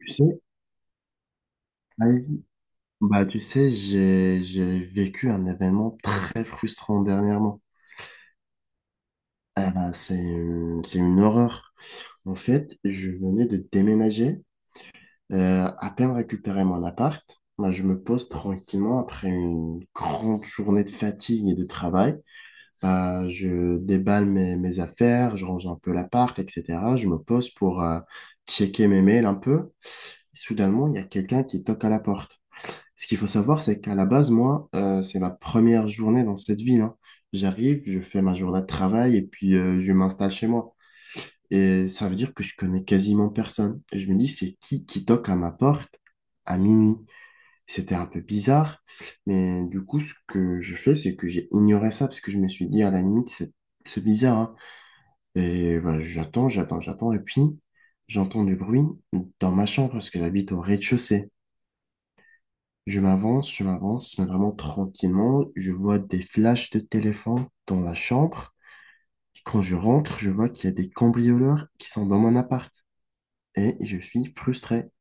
Tu sais, vas-y. Bah, tu sais, j'ai vécu un événement très frustrant dernièrement. Ah bah, c'est une horreur. En fait, je venais de déménager, à peine récupérer mon appart. Bah, je me pose tranquillement après une grande journée de fatigue et de travail. Bah, je déballe mes affaires, je range un peu l'appart, etc. Je me pose pour checker mes mails un peu. Soudainement, il y a quelqu'un qui toque à la porte. Ce qu'il faut savoir, c'est qu'à la base, moi, c'est ma première journée dans cette ville, hein. J'arrive, je fais ma journée de travail et puis je m'installe chez moi. Et ça veut dire que je connais quasiment personne. Et je me dis, c'est qui toque à ma porte à minuit? C'était un peu bizarre, mais du coup, ce que je fais, c'est que j'ai ignoré ça parce que je me suis dit, à la limite, c'est bizarre, hein. Et voilà, j'attends. Et puis, j'entends du bruit dans ma chambre parce que j'habite au rez-de-chaussée. Je m'avance, mais vraiment tranquillement. Je vois des flashs de téléphone dans la chambre. Et quand je rentre, je vois qu'il y a des cambrioleurs qui sont dans mon appart. Et je suis frustré.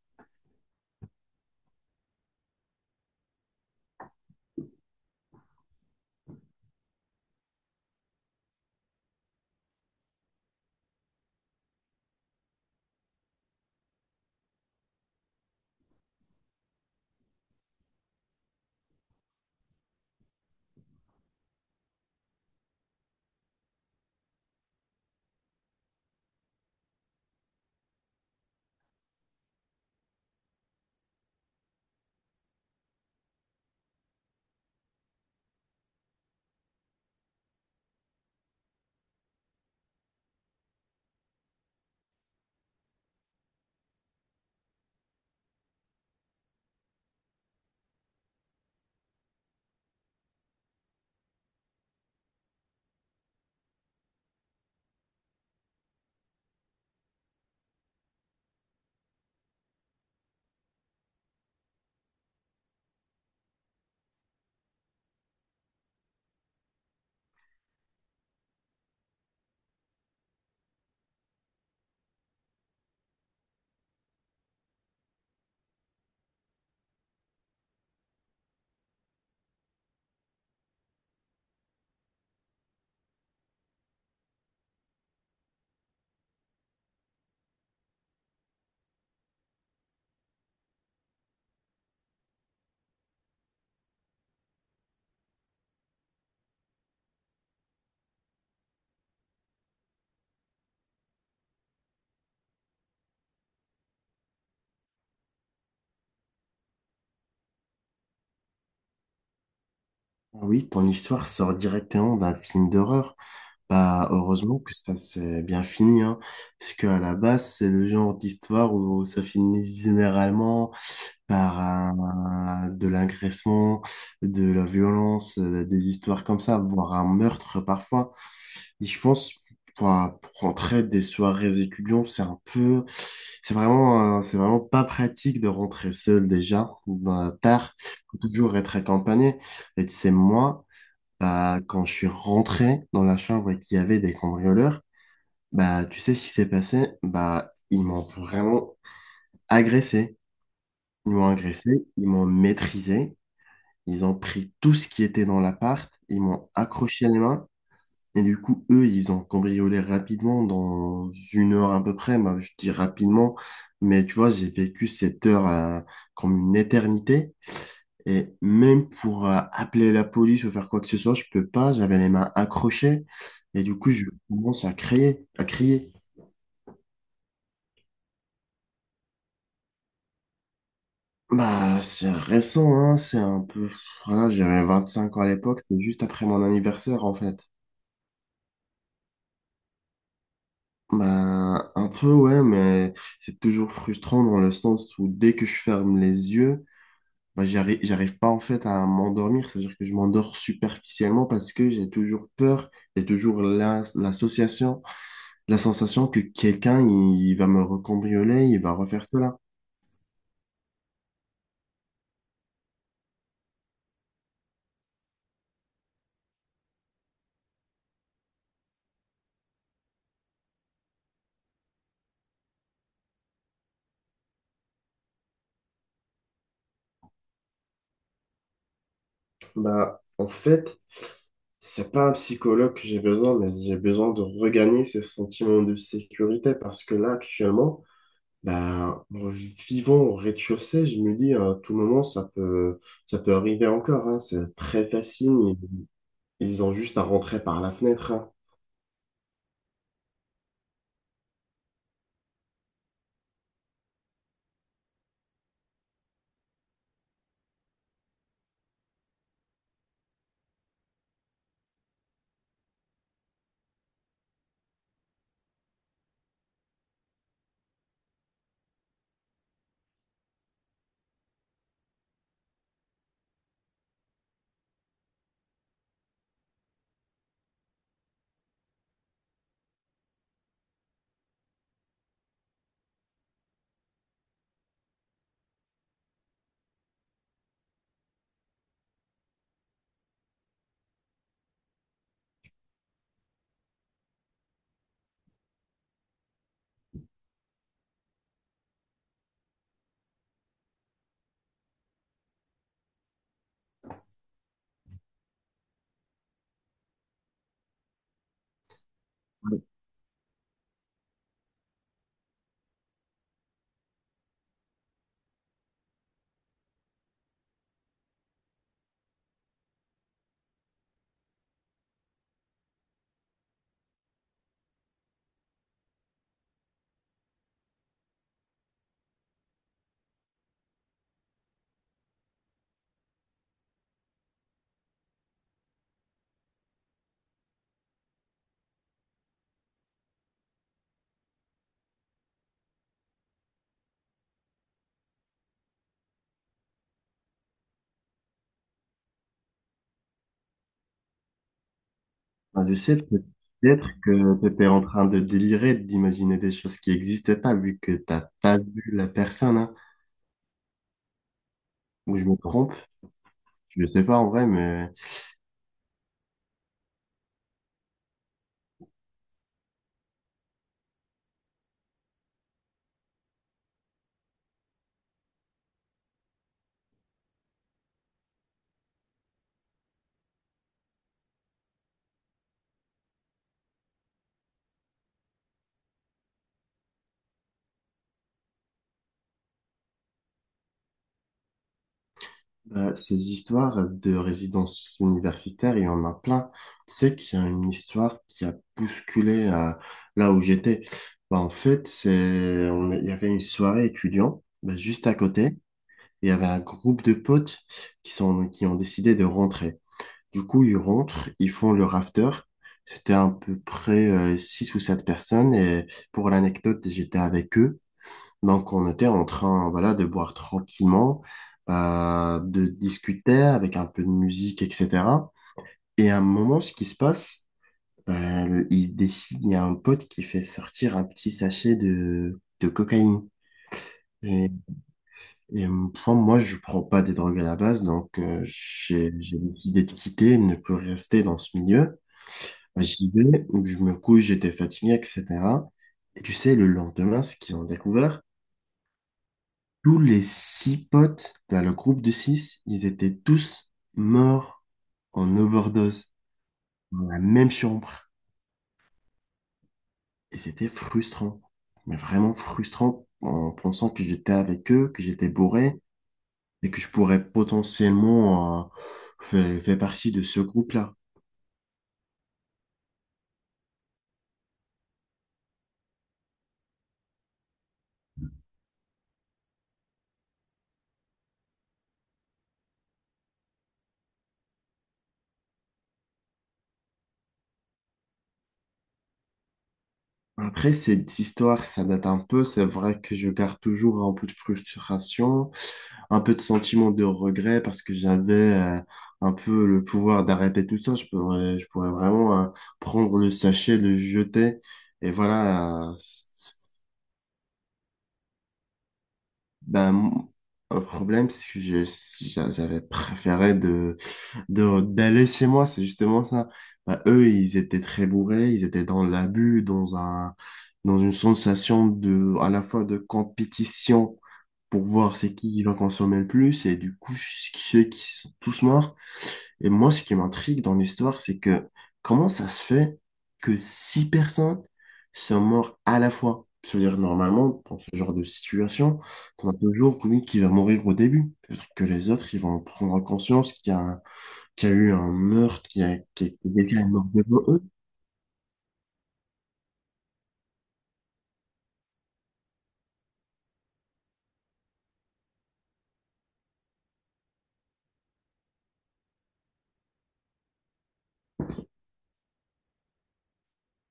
Ah oui, ton histoire sort directement d'un film d'horreur. Bah, heureusement que ça s'est bien fini, hein. Parce qu'à la base, c'est le genre d'histoire où ça finit généralement par de l'agressement, de la violence, des histoires comme ça, voire un meurtre parfois. Et je pense, pour, pour rentrer des soirées étudiants, c'est vraiment pas pratique de rentrer seul déjà, ben, tard. Faut toujours être accompagné. Et tu sais, moi, bah, quand je suis rentré dans la chambre et qu'il y avait des cambrioleurs, bah, tu sais ce qui s'est passé? Bah, ils m'ont vraiment agressé. Ils m'ont agressé, ils m'ont maîtrisé, ils ont pris tout ce qui était dans l'appart, ils m'ont accroché les mains, et du coup, eux, ils ont cambriolé rapidement, dans une heure à peu près. Bah, je dis rapidement, mais tu vois, j'ai vécu cette heure comme une éternité, et même pour appeler la police ou faire quoi que ce soit, je peux pas, j'avais les mains accrochées, et du coup, je commence à crier, à crier. Bah, c'est récent, hein, c'est un peu... Voilà, j'avais 25 ans à l'époque, c'était juste après mon anniversaire, en fait. Bah, un peu, ouais, mais c'est toujours frustrant dans le sens où dès que je ferme les yeux, bah, j'arrive pas en fait à m'endormir. C'est-à-dire que je m'endors superficiellement parce que j'ai toujours peur, j'ai toujours l'association, la sensation que quelqu'un, il va me recambrioler, il va refaire cela. Bah, en fait, c'est pas un psychologue que j'ai besoin, mais j'ai besoin de regagner ce sentiment de sécurité parce que là, actuellement, ben, vivant au rez-de-chaussée, je me dis à tout moment ça peut arriver encore, hein. C'est très facile. Ils ont juste à rentrer par la fenêtre, hein. Ben, je sais peut-être que tu étais en train de délirer, d'imaginer des choses qui n'existaient pas vu que t'as pas vu la personne, hein. Ou je me trompe, je ne sais pas en vrai, mais. Ces histoires de résidence universitaire, il y en a plein. Tu sais qu'il y a une histoire qui a bousculé là où j'étais. Bah, en fait, il y avait une soirée étudiant bah, juste à côté. Il y avait un groupe de potes qui ont décidé de rentrer. Du coup, ils rentrent, ils font leur after. C'était à peu près 6 ou 7 personnes. Et pour l'anecdote, j'étais avec eux. Donc, on était en train, voilà, de boire tranquillement, de discuter avec un peu de musique, etc. Et à un moment, ce qui se passe, il y a un pote qui fait sortir un petit sachet de cocaïne. Et, et enfin, moi, je prends pas des drogues à la base, donc j'ai décidé de quitter, de ne plus rester dans ce milieu. Bah, j'y vais, donc je me couche, j'étais fatigué, etc. Et tu sais, le lendemain, ce qu'ils ont découvert, tous les six potes, dans le groupe de six, ils étaient tous morts en overdose dans la même chambre. Et c'était frustrant, mais vraiment frustrant en pensant que j'étais avec eux, que j'étais bourré et que je pourrais potentiellement faire partie de ce groupe-là. Après, cette histoire, ça date un peu. C'est vrai que je garde toujours un peu de frustration, un peu de sentiment de regret parce que j'avais un peu le pouvoir d'arrêter tout ça. Je pourrais vraiment prendre le sachet, le jeter. Et voilà, ben, mon- le problème, c'est que j'avais préféré d'aller chez moi. C'est justement ça. Ben, eux, ils étaient très bourrés, ils étaient dans l'abus, dans une sensation de, à la fois de compétition pour voir c'est qui va consommer le plus. Et du coup, ceux qui sont tous morts. Et moi, ce qui m'intrigue dans l'histoire, c'est que comment ça se fait que six personnes sont mortes à la fois? Je veux dire, normalement, dans ce genre de situation, on a toujours celui qui va mourir au début. Peut-être que les autres, ils vont prendre conscience qu'il y a eu un meurtre, que quelqu'un est mort devant eux.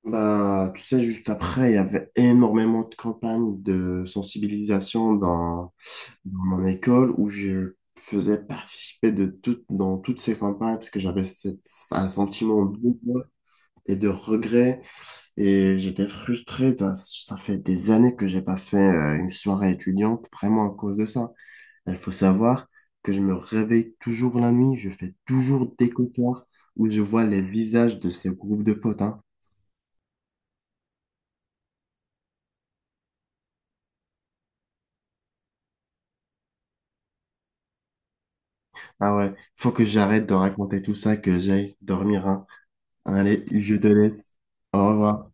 Bah, tu sais, juste après, il y avait énormément de campagnes de sensibilisation dans mon école où je faisais participer de toutes dans toutes ces campagnes parce que j'avais un sentiment de devoir et de regret et j'étais frustré. Ça fait des années que j'ai pas fait une soirée étudiante vraiment à cause de ça. Il faut savoir que je me réveille toujours la nuit, je fais toujours des cauchemars où je vois les visages de ces groupes de potes, hein. Ah ouais, faut que j'arrête de raconter tout ça, que j'aille dormir, hein. Allez, je te laisse. Au revoir.